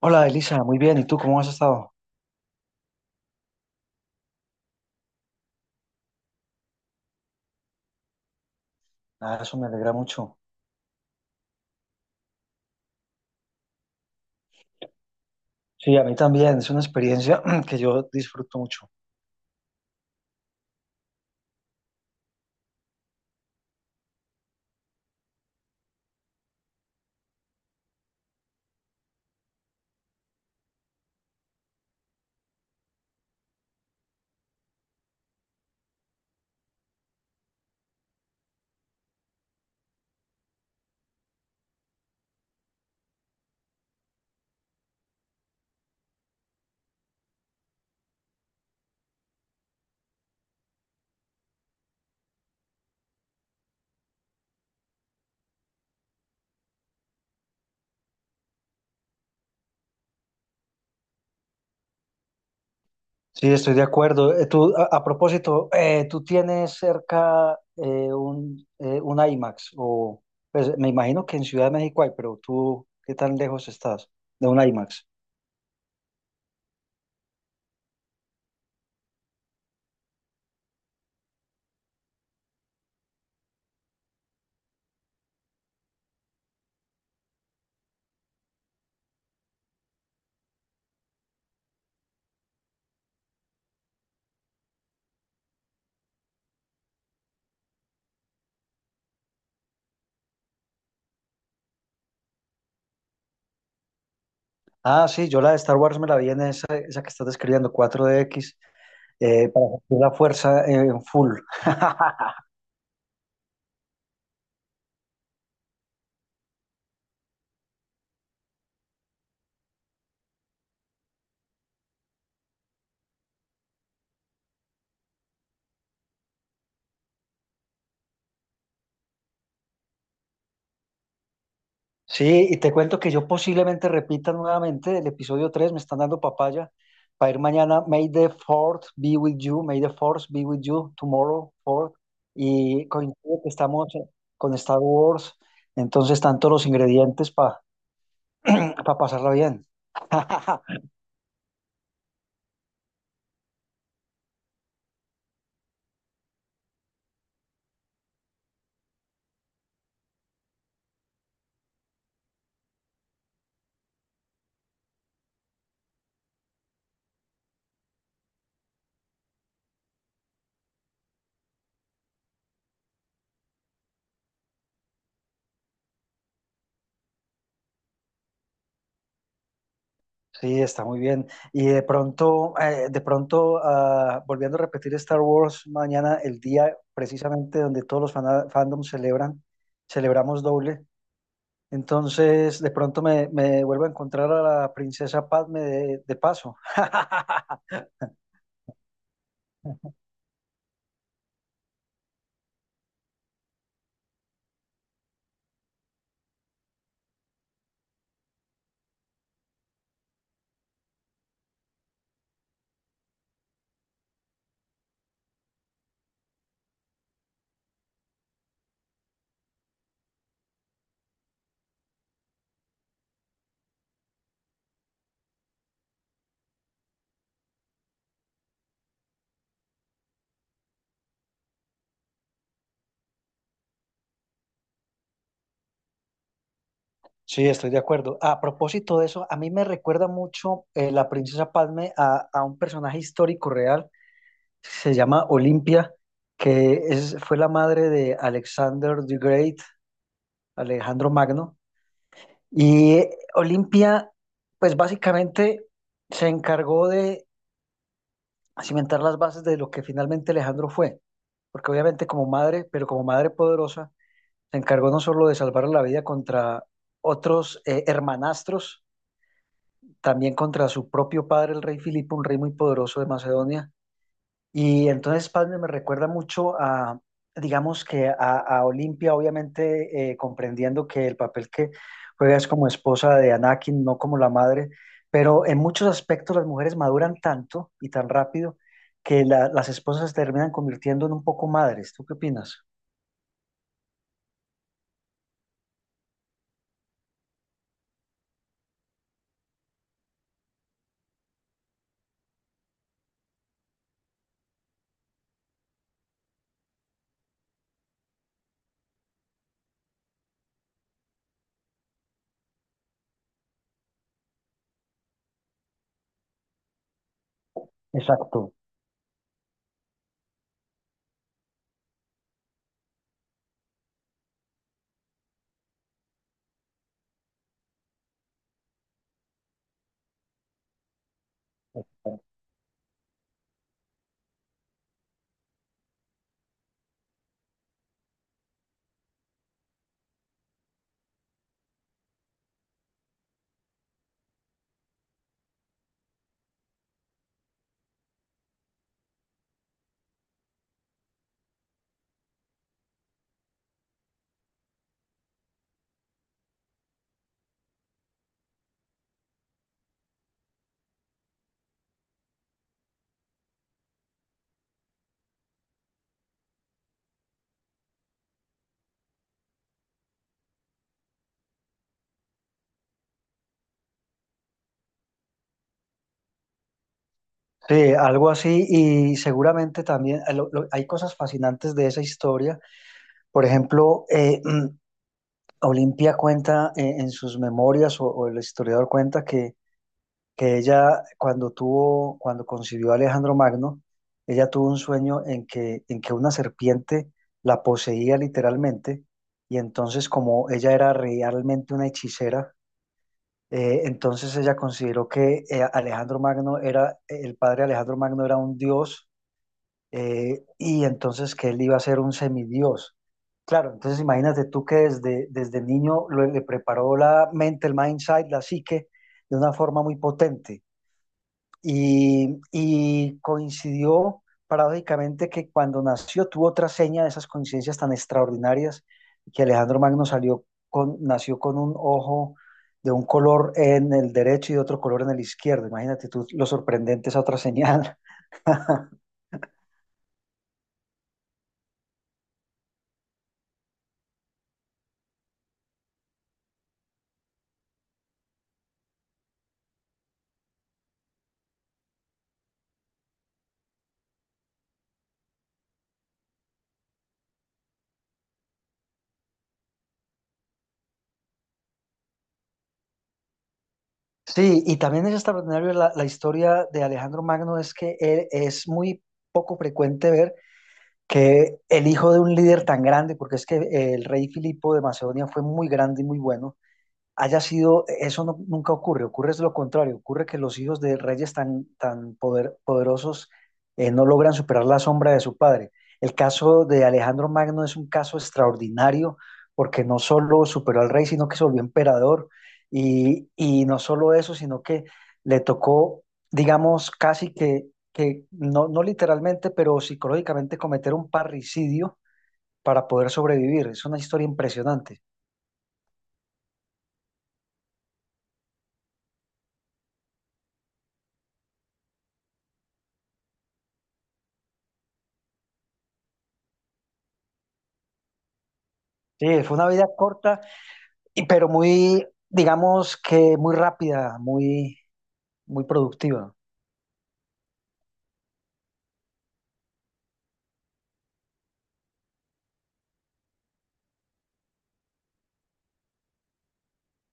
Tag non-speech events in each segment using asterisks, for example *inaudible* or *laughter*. Hola Elisa, muy bien. ¿Y tú cómo has estado? Ah, eso me alegra mucho. Sí, a mí también. Es una experiencia *clears throat* que yo disfruto mucho. Sí, estoy de acuerdo. Tú, a propósito, ¿tú tienes cerca un IMAX? O, pues, me imagino que en Ciudad de México hay, pero tú, ¿qué tan lejos estás de un IMAX? Ah, sí, yo la de Star Wars me la vi en esa que estás describiendo, 4DX, para sentir la fuerza en full. *laughs* Sí, y te cuento que yo posiblemente repita nuevamente el episodio 3 me están dando papaya para ir mañana. May the fourth be with you, may the fourth be with you tomorrow, fourth. Y coincide que estamos con Star Wars, entonces están todos los ingredientes para pasarla bien. *laughs* Sí, está muy bien. Y de pronto, ah, volviendo a repetir Star Wars, mañana el día precisamente donde todos los fandoms celebran, celebramos doble. Entonces, de pronto me vuelvo a encontrar a la princesa Padme de paso. Sí, estoy de acuerdo. A propósito de eso, a mí me recuerda mucho la princesa Padme a un personaje histórico real, se llama Olimpia, que es, fue la madre de Alexander the Great, Alejandro Magno. Y Olimpia, pues básicamente se encargó de cimentar las bases de lo que finalmente Alejandro fue, porque obviamente como madre, pero como madre poderosa, se encargó no solo de salvar la vida contra otros hermanastros, también contra su propio padre, el rey Filipo, un rey muy poderoso de Macedonia. Y entonces, padre, me recuerda mucho digamos que a Olimpia, obviamente comprendiendo que el papel que juega es como esposa de Anakin, no como la madre, pero en muchos aspectos las mujeres maduran tanto y tan rápido que las esposas se terminan convirtiendo en un poco madres. ¿Tú qué opinas? Exacto. Sí, algo así y seguramente también hay cosas fascinantes de esa historia. Por ejemplo, Olimpia cuenta en sus memorias o el historiador cuenta que ella cuando concibió a Alejandro Magno, ella tuvo un sueño en que una serpiente la poseía literalmente y entonces como ella era realmente una hechicera, entonces ella consideró que Alejandro Magno era, el padre Alejandro Magno era un dios y entonces que él iba a ser un semidios. Claro, entonces imagínate tú que desde niño le preparó la mente, el mindset, la psique, de una forma muy potente. Y coincidió paradójicamente que cuando nació tuvo otra seña de esas coincidencias tan extraordinarias, que Alejandro Magno salió con, nació con un ojo de un color en el derecho y de otro color en el izquierdo. Imagínate tú lo sorprendente esa otra señal. Sí, y también es extraordinario la historia de Alejandro Magno, es que es muy poco frecuente ver que el hijo de un líder tan grande, porque es que el rey Filipo de Macedonia fue muy grande y muy bueno, haya sido, eso nunca ocurre, ocurre es lo contrario, ocurre que los hijos de reyes tan, tan poderosos no logran superar la sombra de su padre. El caso de Alejandro Magno es un caso extraordinario porque no solo superó al rey, sino que se volvió emperador y no solo eso, sino que le tocó, digamos, casi que no, no literalmente, pero psicológicamente cometer un parricidio para poder sobrevivir. Es una historia impresionante. Sí, fue una vida corta, pero muy, digamos que muy rápida, muy, muy productiva.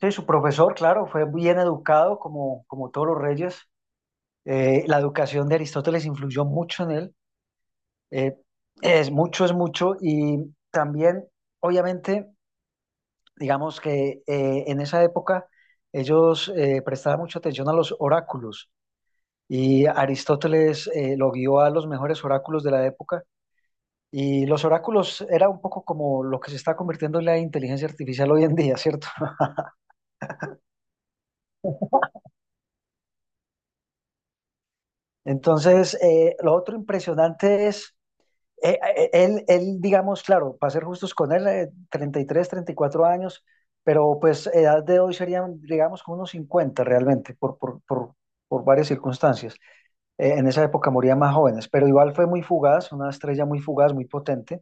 Sí, su profesor, claro, fue bien educado como todos los reyes. La educación de Aristóteles influyó mucho en él. Eh, es mucho, es mucho. Y también, obviamente, digamos que en esa época ellos prestaban mucha atención a los oráculos y Aristóteles lo guió a los mejores oráculos de la época. Y los oráculos era un poco como lo que se está convirtiendo en la inteligencia artificial hoy en día, ¿cierto? *laughs* Entonces, lo otro impresionante es, él, digamos, claro, para ser justos con él, 33, 34 años, pero pues edad de hoy serían, digamos, como unos 50 realmente, por varias circunstancias. En esa época morían más jóvenes, pero igual fue muy fugaz, una estrella muy fugaz, muy potente.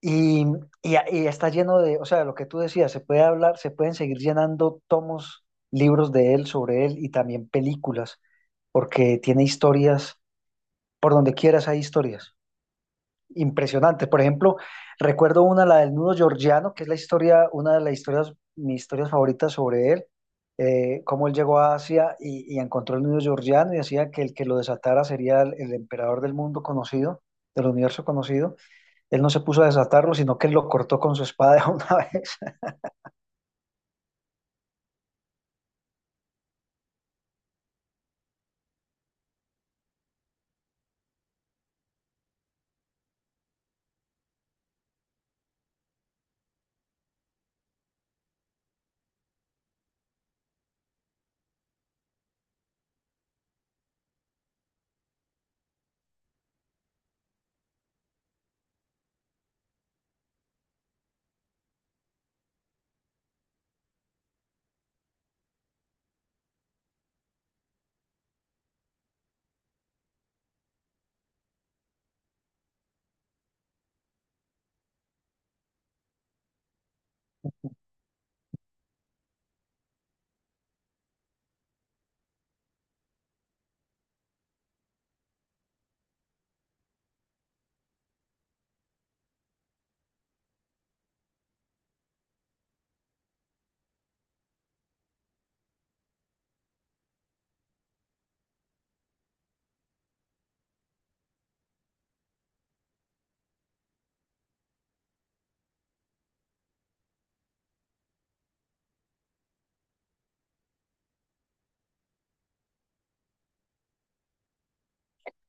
Y, y está lleno de, o sea, lo que tú decías, se puede hablar, se pueden seguir llenando tomos, libros de él, sobre él y también películas, porque tiene historias, por donde quieras hay historias impresionantes. Por ejemplo, recuerdo una, la del nudo georgiano, que es la historia, una de las historias, mis historias favoritas sobre él, cómo él llegó a Asia y encontró el nudo georgiano y decía que el que lo desatara sería el emperador del mundo conocido, del universo conocido. Él no se puso a desatarlo, sino que él lo cortó con su espada de una vez. *laughs*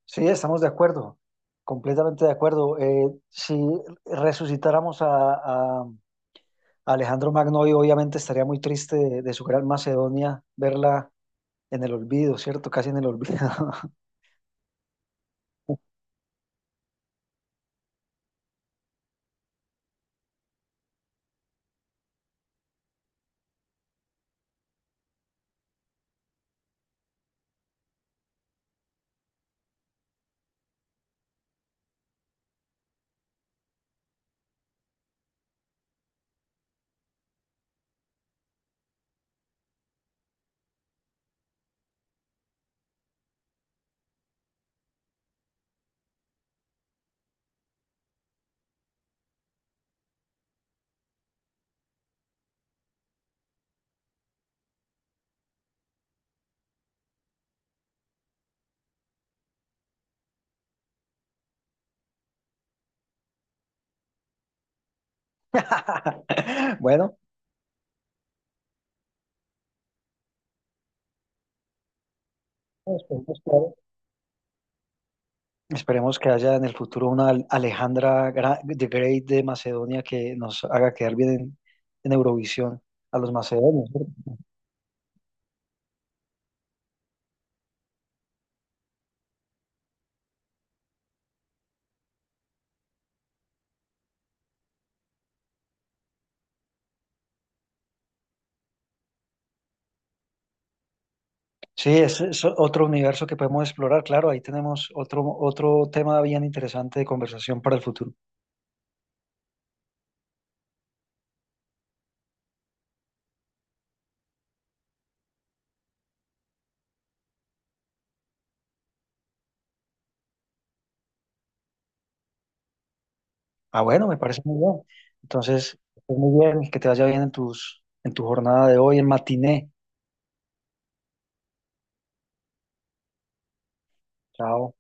Sí, estamos de acuerdo, completamente de acuerdo. Si resucitáramos a Alejandro Magno, hoy obviamente estaría muy triste de su gran Macedonia verla en el olvido, ¿cierto? Casi en el olvido. *laughs* Bueno, esperemos que, esperemos que haya en el futuro una Alejandra de Great de Macedonia que nos haga quedar bien en Eurovisión a los macedonios. Sí, ese es otro universo que podemos explorar, claro, ahí tenemos otro tema bien interesante de conversación para el futuro. Ah, bueno, me parece muy bien. Entonces, muy bien, que te vaya bien en tus, en tu jornada de hoy, en matiné. Chao.